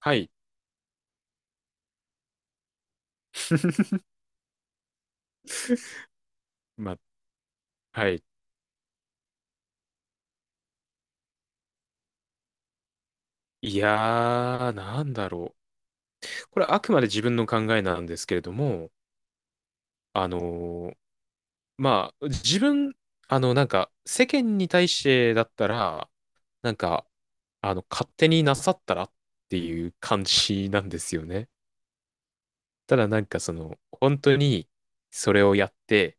はい。まあ、はい。なんだろう。これあくまで自分の考えなんですけれども、あのーまあ、自分、あの、なんか、世間に対してだったら、なんか、勝手になさったらっていう感じなんですよね。ただなんかその、本当にそれをやって、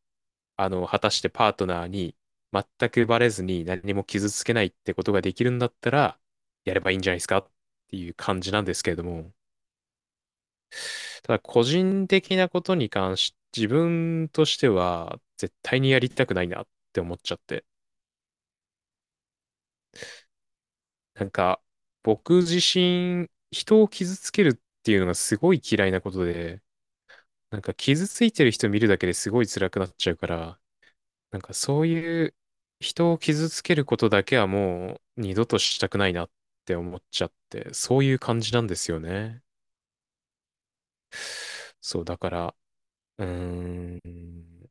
果たしてパートナーに全くバレずに何も傷つけないってことができるんだったら、やればいいんじゃないですかっていう感じなんですけれども、ただ個人的なことに関し、自分としては絶対にやりたくないなって思っちゃって、なんか僕自身、人を傷つけるっていうのがすごい嫌いなことで、傷ついてる人見るだけですごい辛くなっちゃうから、そういう人を傷つけることだけはもう二度としたくないなって思っちゃって、そういう感じなんですよね。そう、だから、うーん。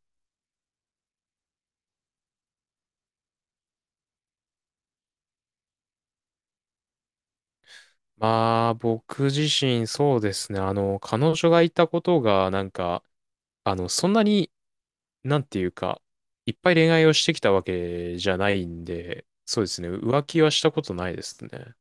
まあ、僕自身そうですね。彼女がいたことが、そんなに、なんていうか、いっぱい恋愛をしてきたわけじゃないんで、そうですね。浮気はしたことないですね。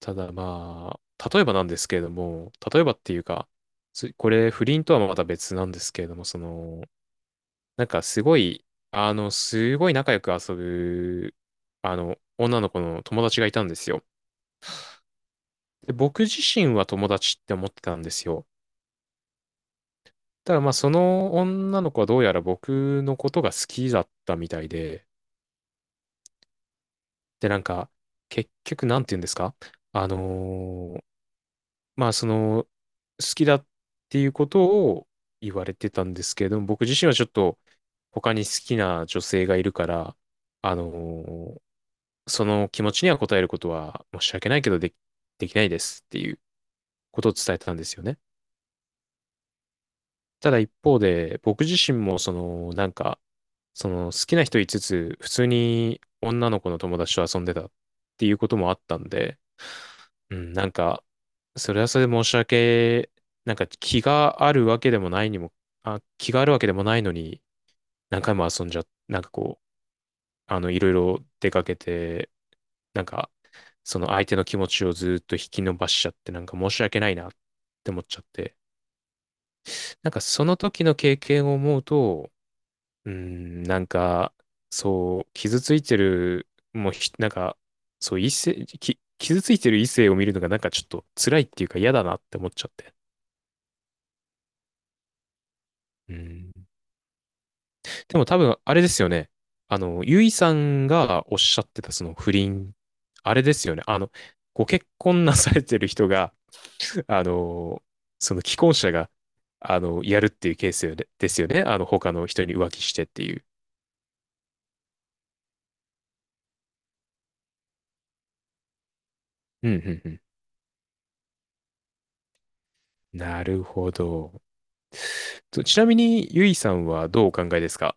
ただまあ、例えばなんですけれども、例えばっていうか、これ不倫とはまた別なんですけれども、その、なんかすごい、すごい仲良く遊ぶ、女の子の友達がいたんですよ。で、僕自身は友達って思ってたんですよ。ただまあ、その女の子はどうやら僕のことが好きだったみたいで、で、なんか、結局、なんて言うんですかあのーまあ、その、好きだっていうことを言われてたんですけれども、僕自身はちょっと他に好きな女性がいるから、あのーその気持ちには応えることは申し訳ないけどでき、できないですっていうことを伝えてたんですよね。ただ一方で、僕自身もその、なんか、その好きな人いつつ、普通に女の子の友達と遊んでたっていうこともあったんで、うん、なんか、それはそれで申し訳、なんか気があるわけでもないのに、何回も遊んじゃ、なんかこう、いろいろ出かけて、なんか、その相手の気持ちをずっと引き伸ばしちゃって、なんか申し訳ないなって思っちゃって、なんかその時の経験を思うと、うーん、なんか、そう、傷ついてる、もうひ、なんか、そう、異性、き、傷ついてる異性を見るのがなんかちょっと辛いっていうか嫌だなって思っちゃって。うん。でも多分、あれですよね。ゆいさんがおっしゃってたその不倫、あれですよね。ご結婚なされてる人が、あの、その既婚者が、やるっていうケースよねですよね。あの、他の人に浮気してっていう。うんうんうん。なるほど。と、ちなみに、ゆいさんはどうお考えですか？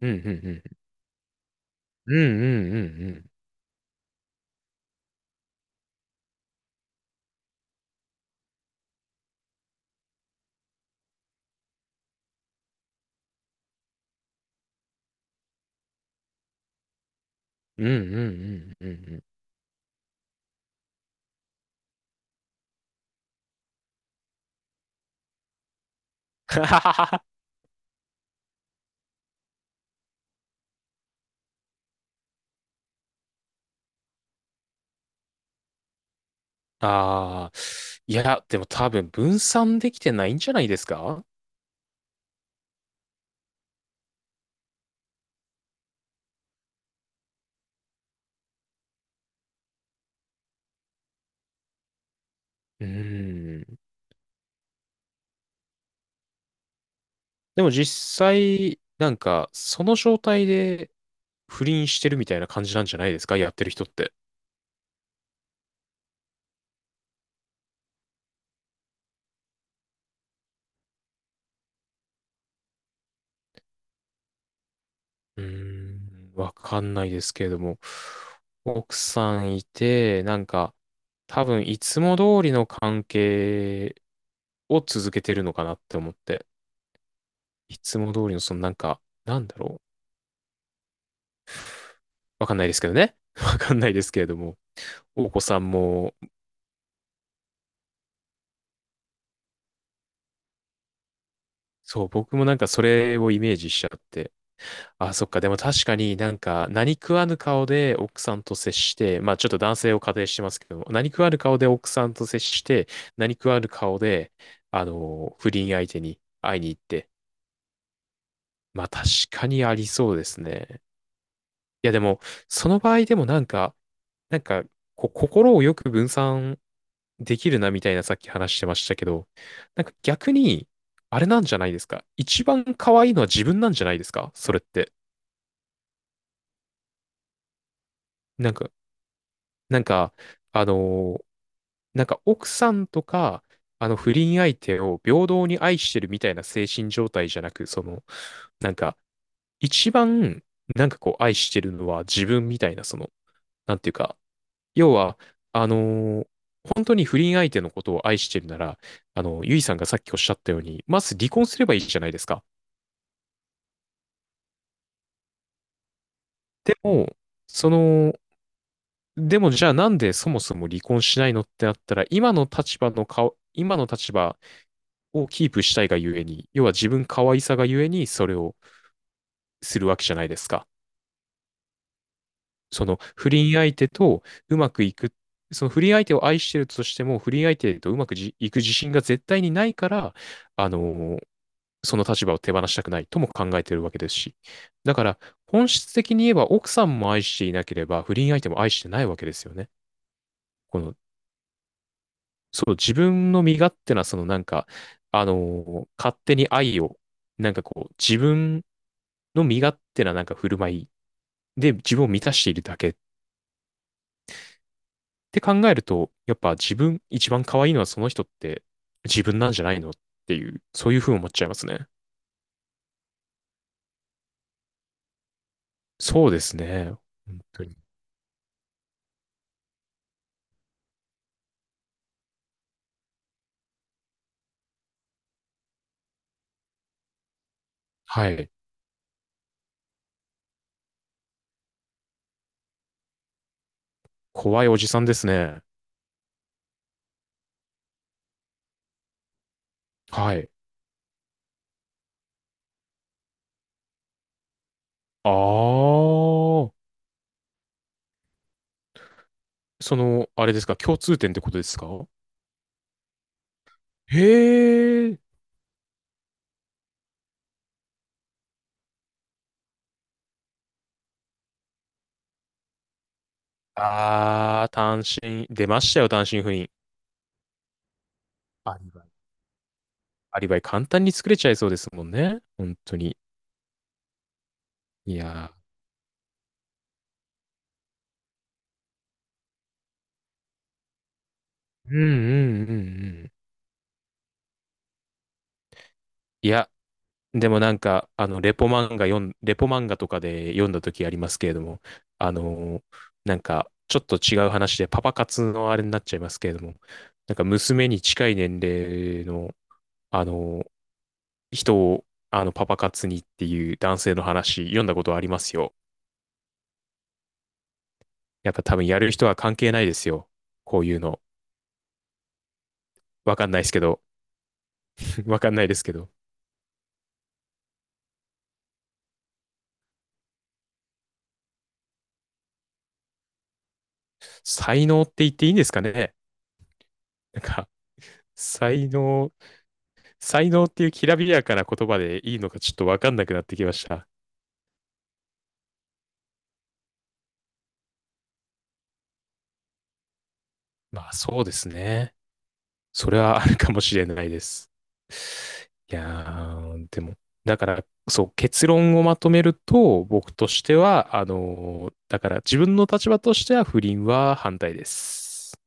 うんうんうん。うんうんうんうん。うんうんうんうんうん。ああ、いや、でも多分分散できてないんじゃないですか？うん。でも実際、その状態で不倫してるみたいな感じなんじゃないですか、やってる人って。うーわかんないですけれども、奥さんいて、多分いつも通りの関係を続けてるのかなって思って、いつも通りの、わかんないですけどね。わかんないですけれども、お子さんもそう、僕もなんかそれをイメージしちゃって。あ、そっか。でも確かになんか何食わぬ顔で奥さんと接して、まあちょっと男性を仮定してますけども、何食わぬ顔で奥さんと接して、何食わぬ顔で、不倫相手に会いに行って。まあ確かにありそうですね。いやでも、その場合でもなんか、こう、心をよく分散できるなみたいなさっき話してましたけど、なんか逆に、あれなんじゃないですか。一番可愛いのは自分なんじゃないですか、それって。なんか、なんか、あのーなんか奥さんとか、あの不倫相手を平等に愛してるみたいな精神状態じゃなく、なんか、一番、なんかこう愛してるのは自分みたいな、その、なんていうか、要は、あのー本当に不倫相手のことを愛してるなら、あの、ゆいさんがさっきおっしゃったように、まず離婚すればいいじゃないですか。でも、その、でもじゃあなんでそもそも離婚しないのってなったら、今の立場をキープしたいがゆえに、要は自分可愛さがゆえにそれをするわけじゃないですか。その不倫相手とうまくいく、その不倫相手を愛してるとしても、不倫相手とうまくじいく自信が絶対にないから、あのーその立場を手放したくないとも考えているわけですし。だから、本質的に言えば奥さんも愛していなければ、不倫相手も愛してないわけですよね。この、そう、自分の身勝手な、そのなんか、あのー勝手に愛を、自分の身勝手ななんか振る舞いで自分を満たしているだけって考えると、やっぱ自分一番可愛いのはその人って自分なんじゃないのっていう、そういうふうに思っちゃいますね。そうですね。本当に。はい。怖いおじさんですね。はい。あー。その、あれですか、共通点ってことですか？へえ。あー、単身、出ましたよ、単身赴任。アリバイ。アリバイ簡単に作れちゃいそうですもんね。本当に。いやー。うんうんうんうん。いや、でもなんか、あの、レポ漫画とかで読んだ時ありますけれども、あのーなんか、ちょっと違う話で、パパ活のあれになっちゃいますけれども、なんか、娘に近い年齢の、あのー人を、あの、パパ活にっていう男性の話、読んだことありますよ。やっぱ多分やる人は関係ないですよ。こういうの。わかんないですけど、わかんないですけど、才能って言っていいんですかね？なんか、才能、才能っていうきらびやかな言葉でいいのかちょっとわかんなくなってきました。まあそうですね。それはあるかもしれないです。いやー、でも、だから、そう、結論をまとめると、僕としては、だから自分の立場としては不倫は反対です。